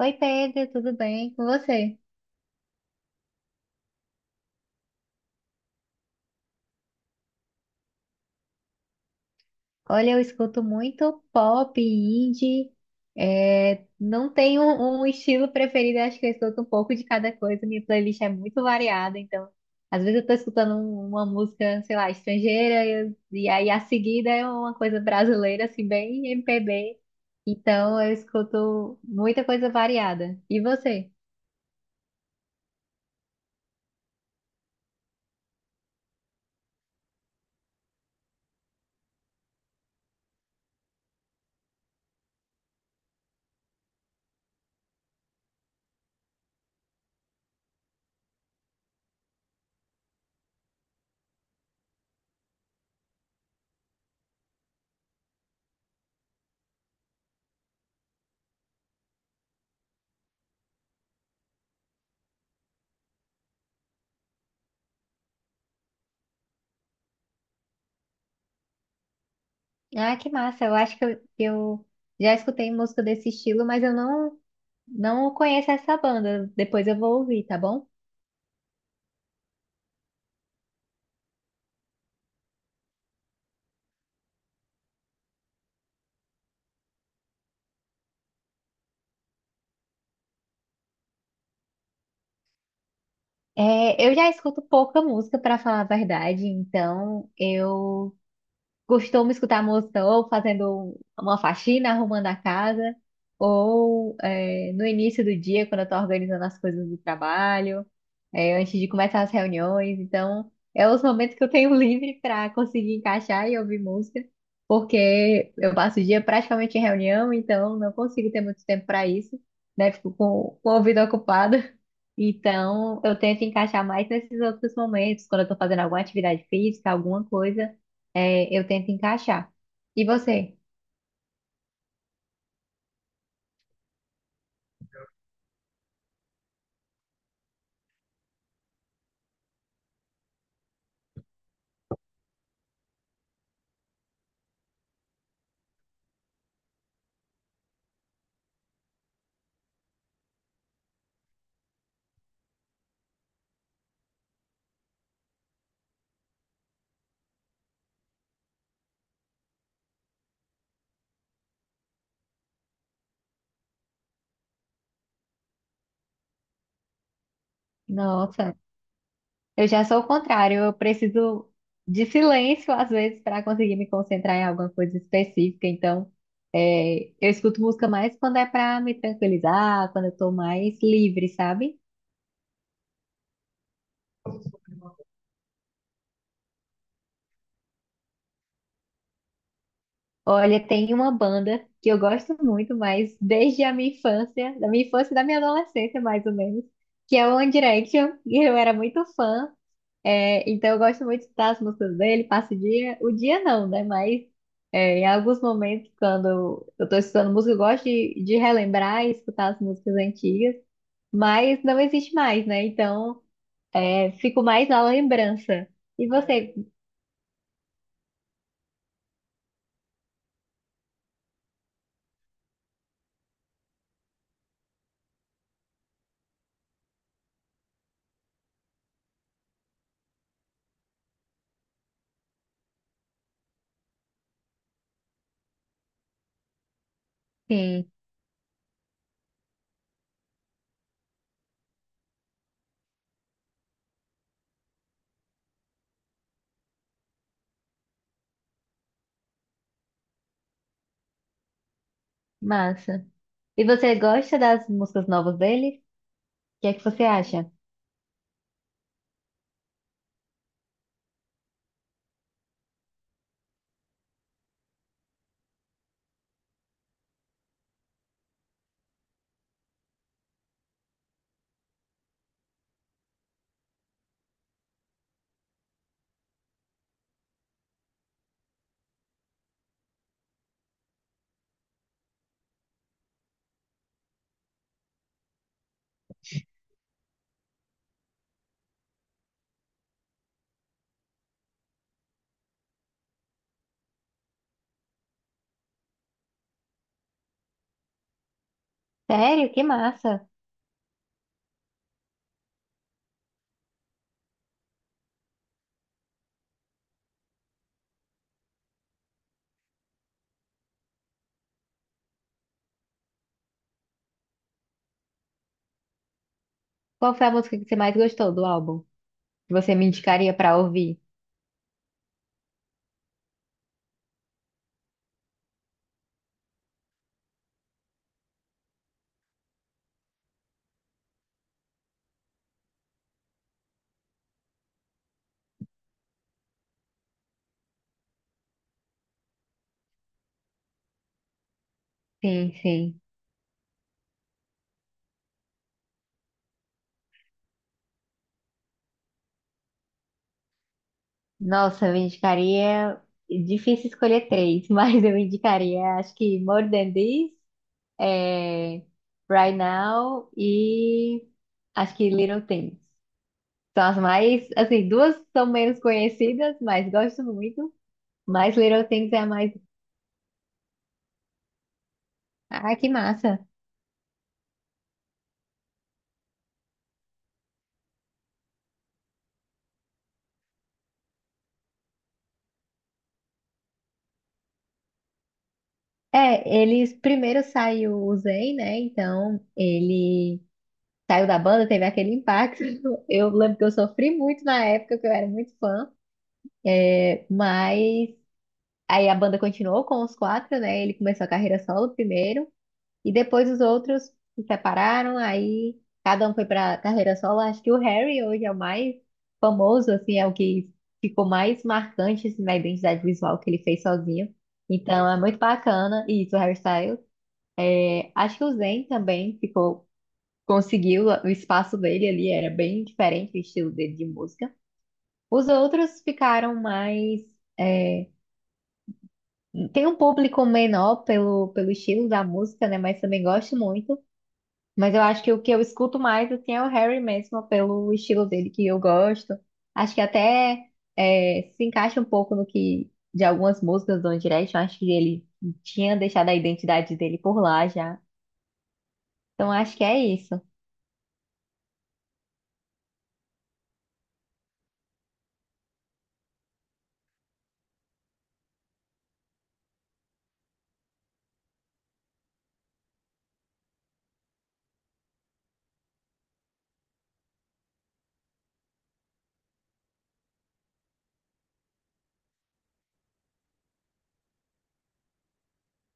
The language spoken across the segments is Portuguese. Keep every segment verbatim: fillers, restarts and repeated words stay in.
Oi Pedro, tudo bem com você? Olha, eu escuto muito pop, indie, é, não tenho um um estilo preferido, acho que eu escuto um pouco de cada coisa, minha playlist é muito variada, então às vezes eu tô escutando um- uma música, sei lá, estrangeira, eu- e aí a seguida é uma coisa brasileira, assim, bem M P B, então eu escuto muita coisa variada. E você? Ah, que massa, eu acho que eu, que eu já escutei música desse estilo, mas eu não. Não conheço essa banda, depois eu vou ouvir, tá bom? É, eu já escuto pouca música, pra falar a verdade, então eu costumo escutar música ou fazendo uma faxina, arrumando a casa, ou é, no início do dia, quando eu estou organizando as coisas do trabalho, é, antes de começar as reuniões. Então, é os momentos que eu tenho livre para conseguir encaixar e ouvir música, porque eu passo o dia praticamente em reunião, então não consigo ter muito tempo para isso, né? Fico com, com o ouvido ocupado. Então, eu tento encaixar mais nesses outros momentos, quando eu estou fazendo alguma atividade física, alguma coisa. É, eu tento encaixar. E você? Nossa, eu já sou o contrário. Eu preciso de silêncio às vezes para conseguir me concentrar em alguma coisa específica. Então, é, eu escuto música mais quando é para me tranquilizar, quando eu tô mais livre, sabe? Olha, tem uma banda que eu gosto muito, mas desde a minha infância, da minha infância e da minha adolescência, mais ou menos, que é o One Direction. E eu era muito fã. É, então eu gosto muito de escutar as músicas dele, passo o dia, o dia não, né? Mas é, em alguns momentos, quando eu tô escutando música, eu gosto de, de relembrar e escutar as músicas antigas, mas não existe mais, né? Então é, fico mais na lembrança. E você? Sim, massa. E você gosta das músicas novas dele? O que é que você acha? Sério? Que massa! Qual foi a música que você mais gostou do álbum? Que você me indicaria pra ouvir? Sim, sim. Nossa, eu indicaria. Difícil escolher três, mas eu indicaria, acho que More Than This, é, Right Now e acho que Little Things. São as mais, assim, duas são menos conhecidas, mas gosto muito. Mas Little Things é a mais. Ah, que massa! É, eles primeiro saiu o Zayn, né? Então ele saiu da banda, teve aquele impacto. Eu lembro que eu sofri muito na época, que eu era muito fã. É, mas Aí a banda continuou com os quatro, né? Ele começou a carreira solo primeiro, e depois os outros se separaram, aí cada um foi pra carreira solo. Acho que o Harry hoje é o mais famoso, assim, é o que ficou mais marcante assim, na identidade visual que ele fez sozinho. Então é muito bacana, e isso, o Harry Styles. É, acho que o Zayn também ficou, conseguiu o espaço dele ali, era bem diferente o estilo dele de música. Os outros ficaram mais é, tem um público menor pelo, pelo estilo da música, né? Mas também gosto muito. Mas eu acho que o que eu escuto mais assim, é o Harry mesmo, pelo estilo dele que eu gosto. Acho que até é, se encaixa um pouco no que de algumas músicas do One Direction. Acho que ele tinha deixado a identidade dele por lá já. Então acho que é isso.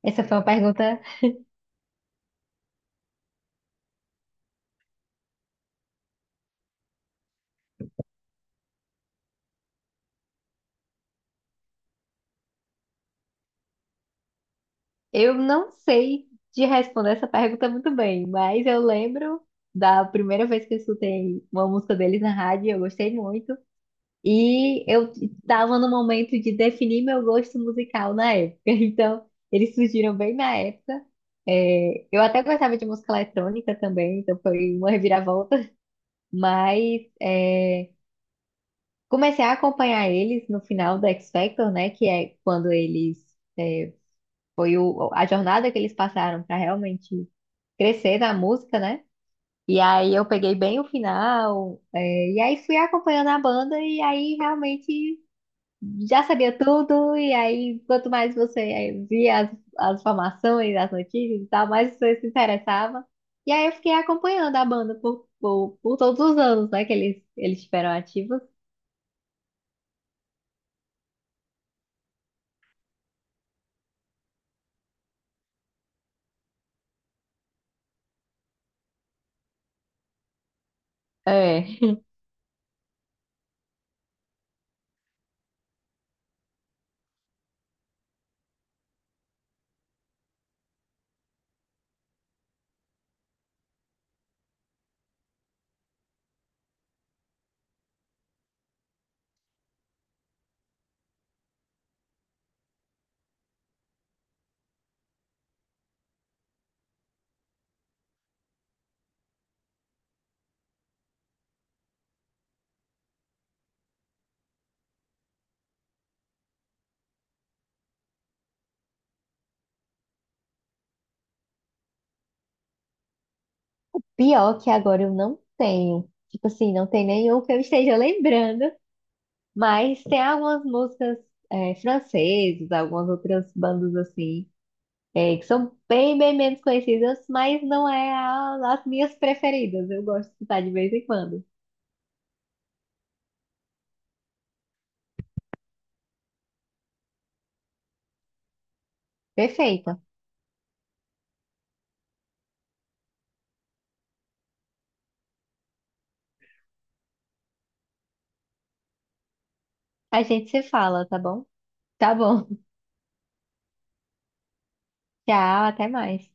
Essa foi uma pergunta. Eu não sei de responder essa pergunta muito bem, mas eu lembro da primeira vez que eu escutei uma música deles na rádio, eu gostei muito. E eu estava no momento de definir meu gosto musical na época. Então, eles surgiram bem na época. É, eu até gostava de música eletrônica também, então foi uma reviravolta. Mas é, comecei a acompanhar eles no final do X Factor, né? Que é quando eles. é, foi o- a jornada que eles passaram para realmente crescer na música, né? E aí eu peguei bem o final, é, e aí fui acompanhando a banda, e aí realmente. Já sabia tudo, e aí, quanto mais você eh, via as, as informações, as notícias e tal, mais você se interessava. E aí eu fiquei acompanhando a banda por, por, por todos os anos, né, que eles, eles tiveram ativos. É. Pior que agora eu não tenho. Tipo assim, não tem nenhum que eu esteja lembrando, mas tem algumas músicas eh, francesas, algumas outras bandas assim, eh, que são bem, bem menos conhecidas, mas não é a- as minhas preferidas. Eu gosto de escutar de vez em quando. Perfeito. A gente se fala, tá bom? Tá bom. Tchau, até mais.